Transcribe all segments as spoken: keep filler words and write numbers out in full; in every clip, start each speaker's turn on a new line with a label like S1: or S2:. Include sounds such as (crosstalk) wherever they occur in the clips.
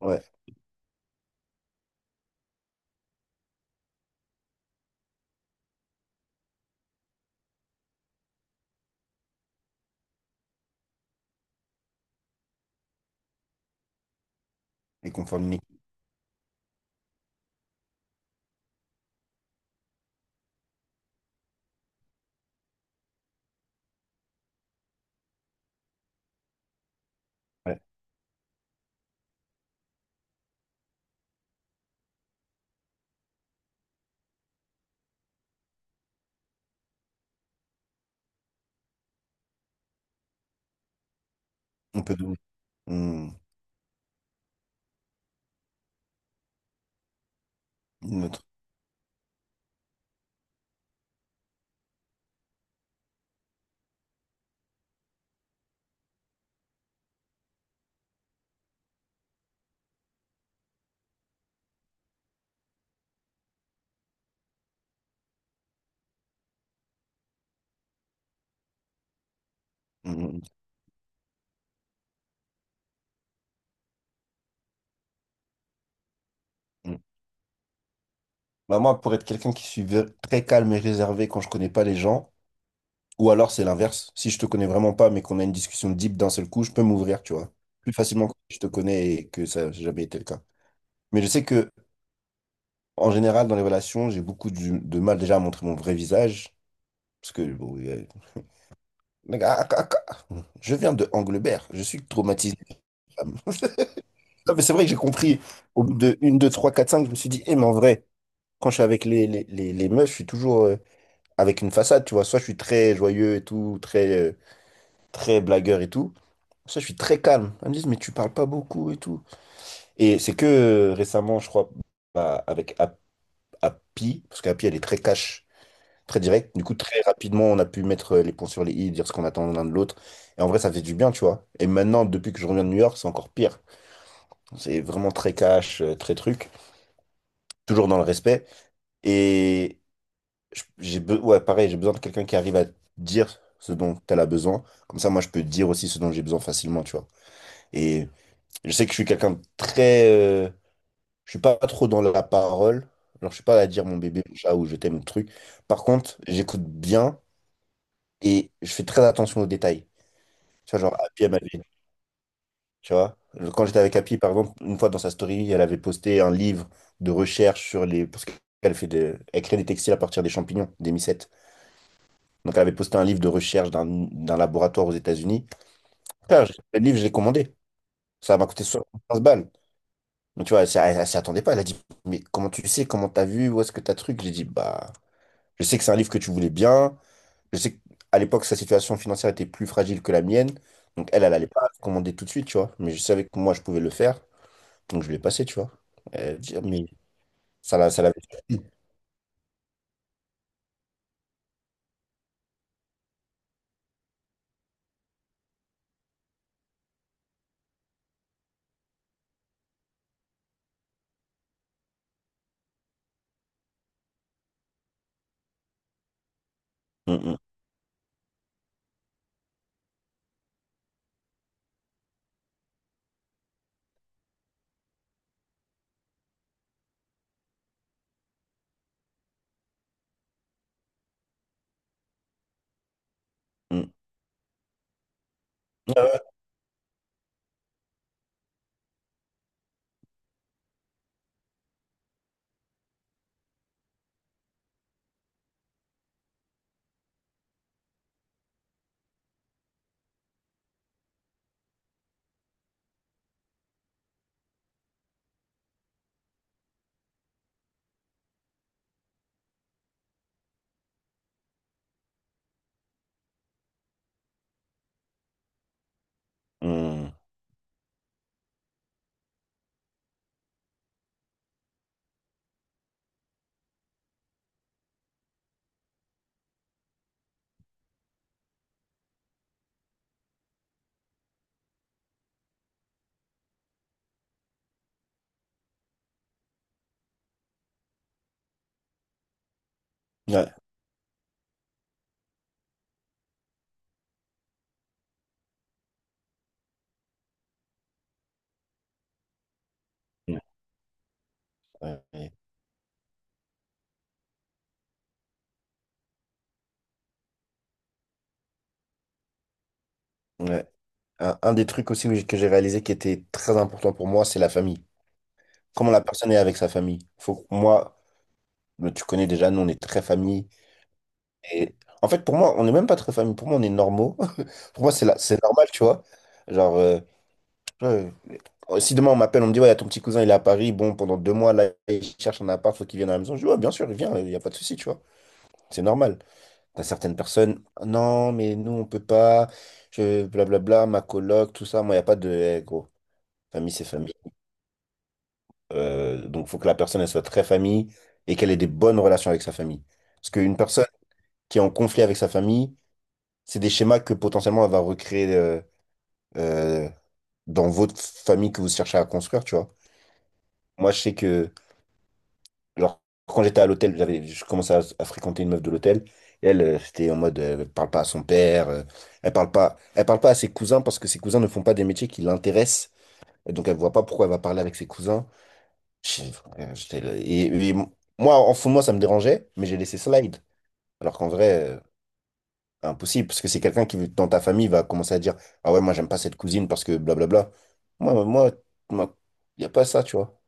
S1: Ouais, et qu'on forme une équipe. Ouais. On peut donner mm, une autre. Mm, mm, mm. Bah, moi, pour être quelqu'un qui suis ver- très calme et réservé quand je connais pas les gens, ou alors c'est l'inverse. Si je te connais vraiment pas, mais qu'on a une discussion deep d'un seul coup, je peux m'ouvrir, tu vois. Plus facilement que si je te connais et que ça n'a jamais été le cas. Mais je sais que, en général, dans les relations, j'ai beaucoup du- de mal déjà à montrer mon vrai visage. Parce que, bon, euh, mec, ah, ah, ah, ah. Je viens de Anglebert, je suis traumatisé. (laughs) Non, mais c'est vrai que j'ai compris. Au bout de un, deux trois quatre cinq, je me suis dit, eh, mais en vrai, quand je suis avec les, les, les, les meufs, je suis toujours euh, avec une façade, tu vois. Soit je suis très joyeux et tout, très, euh, très blagueur et tout. Soit je suis très calme. Elles me disent, mais tu parles pas beaucoup et tout. Et c'est que euh, récemment, je crois, bah, avec Ap- Happy, parce qu'Happy, elle est très cash, très directe. Du coup, très rapidement, on a pu mettre euh, les ponts sur les i, dire ce qu'on attend l'un de l'autre. Et en vrai, ça fait du bien, tu vois. Et maintenant, depuis que je reviens de New York, c'est encore pire. C'est vraiment très cash, euh, très truc, toujours dans le respect. et je- J'ai be- ouais, pareil, j'ai besoin de quelqu'un qui arrive à dire ce dont elle a besoin. Comme ça, moi, je peux dire aussi ce dont j'ai besoin facilement, tu vois. Et je sais que je suis quelqu'un de très... euh, je suis pas trop dans la parole. Alors, je suis pas à dire mon bébé, mon chat ou je t'aime, le truc. Par contre, j'écoute bien et je fais très attention aux détails. Tu vois, genre, Happy, elle m'avait... Tu vois, quand j'étais avec Happy, par exemple, une fois dans sa story, elle avait posté un livre de recherche sur les... Parce qu'elle fait des... Elle crée des textiles à partir des champignons, des mycètes. Donc, elle avait posté un livre de recherche d'un d'un laboratoire aux États-Unis. Frère, j'ai- le livre, je l'ai commandé. Ça m'a coûté soixante-quinze balles. Donc, tu vois, elle, s'y- elle, elle s'y attendait pas. Elle a dit, mais comment tu sais, comment t'as vu, où est-ce que t'as truc? J'ai dit, bah, je sais que c'est un livre que tu voulais bien. Je sais qu'à l'époque, sa situation financière était plus fragile que la mienne. Donc, elle, elle allait pas commander tout de suite, tu vois. Mais je savais que moi, je pouvais le faire. Donc, je l'ai passé, tu vois. Elle dit, mais ça l'a, ça l'avait. Mm, mm, mm. Ouais. Hum. Ouais. Mm. Ouais. Ouais. Ouais. Un, un des trucs aussi où j'ai- que j'ai réalisé qui était très important pour moi, c'est la famille. Comment la personne est avec sa famille. Faut que moi, mais tu connais déjà, nous, on est très famille. Et en fait, pour moi, on n'est même pas très famille. Pour moi, on est normaux. (laughs) Pour moi, c'est la- c'est normal, tu vois. Genre, euh, ouais, euh, si demain on m'appelle, on me dit, ouais, y a ton petit cousin, il est à Paris. Bon, pendant deux mois, là, il cherche un appart, faut qu'il vienne à la maison. Je dis, ouais, bien sûr, il vient, il n'y a pas de souci, tu vois. C'est normal. T'as certaines personnes, non, mais nous, on peut pas. Je, blablabla, ma coloc, tout ça. Moi, il n'y a pas de, eh, gros, famille, c'est famille. Euh, donc, il faut que la personne elle soit très famille et qu'elle ait des bonnes relations avec sa famille. Parce qu'une personne qui est en conflit avec sa famille, c'est des schémas que potentiellement elle va recréer, euh, euh, dans votre famille que vous cherchez à construire, tu vois. Moi, je sais que, genre, quand j'étais à l'hôtel, j'avais, je commençais à, à fréquenter une meuf de l'hôtel. Et Elle, euh, c'était en mode, euh, elle parle pas à son père, euh, elle parle pas, elle parle pas à ses cousins parce que ses cousins ne font pas des métiers qui l'intéressent. Et donc, elle voit pas pourquoi elle va parler avec ses cousins. J'ai- frère, j'étais là- Et, et moi, en fond, moi, ça me dérangeait, mais j'ai laissé slide. Alors qu'en vrai, euh, impossible, parce que c'est quelqu'un qui, dans ta famille, va commencer à dire, ah ouais, moi, j'aime pas cette cousine parce que blablabla. Moi, moi, moi, y a pas ça, tu vois.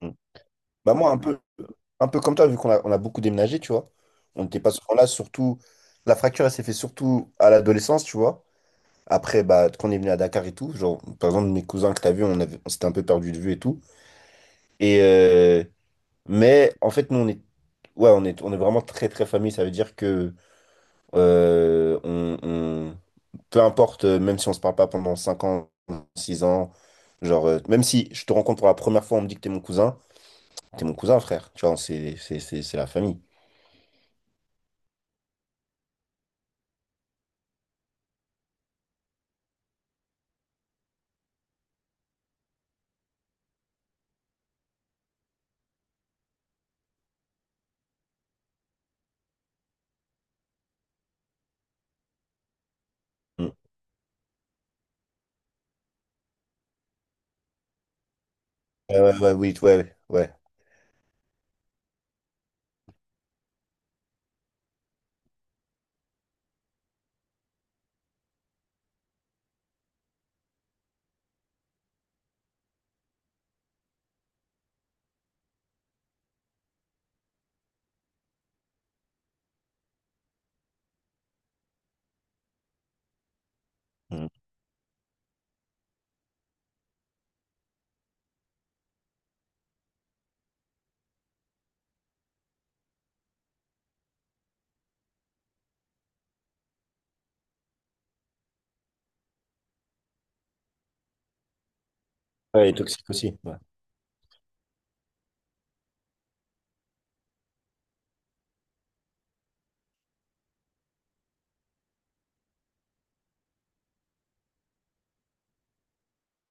S1: Mm. Bah, moi, un peu, un peu comme toi, vu qu'on a, on a beaucoup déménagé, tu vois. On n'était pas souvent là, surtout. La fracture, elle s'est fait surtout à l'adolescence, tu vois. Après, bah, quand on est venu à Dakar et tout, genre, par exemple, mes cousins que t'as vu, on avait, on s'était un peu perdu de vue et tout. Et, euh, Mais en fait, nous, on est, ouais, on est, on est vraiment très, très famille. Ça veut dire que euh, on, on- peu importe, euh, même si on se parle pas pendant cinq ans, six ans, genre, euh, même si je te rencontre pour la première fois, on me dit que t'es mon cousin, t'es mon cousin, frère. Tu vois, c'est c'est- c'est- c'est la famille. Mm. Ouais, ouais, ouais, oui, ouais, ouais. Mm. Ouais, et toxique aussi. Ouais.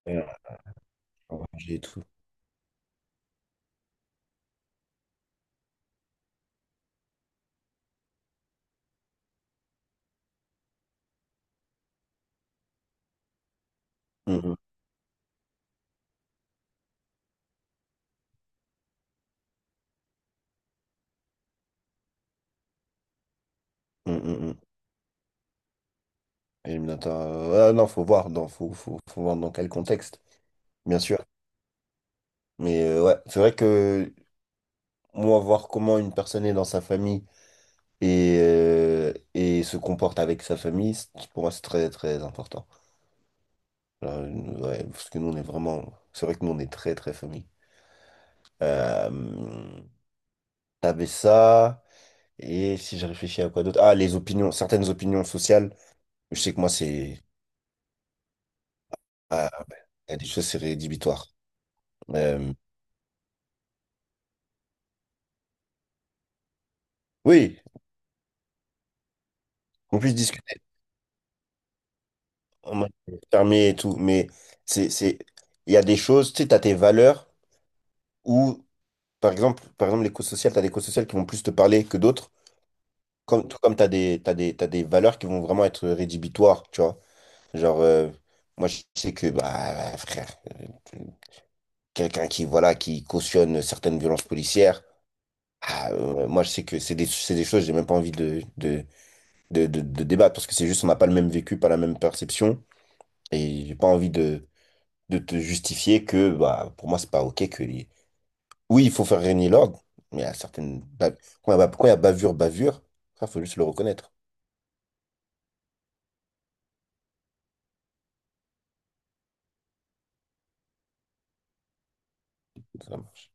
S1: Ouais, ouais, j'ai tout. Mm, mm, mm, mm, mm. Et je me dis, attends, euh, ah non, faut voir, dans, faut, faut, faut voir dans quel contexte, bien sûr. Mais euh, ouais, c'est vrai que moi, voir comment une personne est dans sa famille et, euh, et se comporte avec sa famille, c'est- pour moi, c'est très, très important. Alors, euh, ouais, parce que nous, on est vraiment... C'est vrai que nous, on est très, très famille. Euh, t'avais ça, et si je réfléchis à quoi d'autre... Ah, les opinions, certaines opinions sociales. Je sais que moi, c'est... Ah, ben, il y a des choses, c'est rédhibitoire. Euh, oui, on puisse discuter, on m'a fermé et tout, mais c'est... c'est- il y a des choses, tu sais, t'as tes valeurs, où Par exemple, par exemple, l'éco-social, tu as des éco-sociales qui vont plus te parler que d'autres, comme, tout comme tu as des, t'as des, t'as des valeurs qui vont vraiment être rédhibitoires, tu vois. Genre, euh, moi, je sais que, bah, frère, euh, quelqu'un qui, voilà, qui cautionne certaines violences policières, ah, euh, moi, je sais que c'est des, c'est des choses, j'ai même pas envie de, de, de, de, de débattre, parce que c'est juste, on n'a pas le même vécu, pas la même perception, et j'ai pas envie de, de te justifier que, bah, pour moi, c'est pas OK que oui, il faut faire régner l'ordre, mais il y a certaines... bav- quand il y a ba- quand il y a bavure, bavure, ça, faut juste le reconnaître.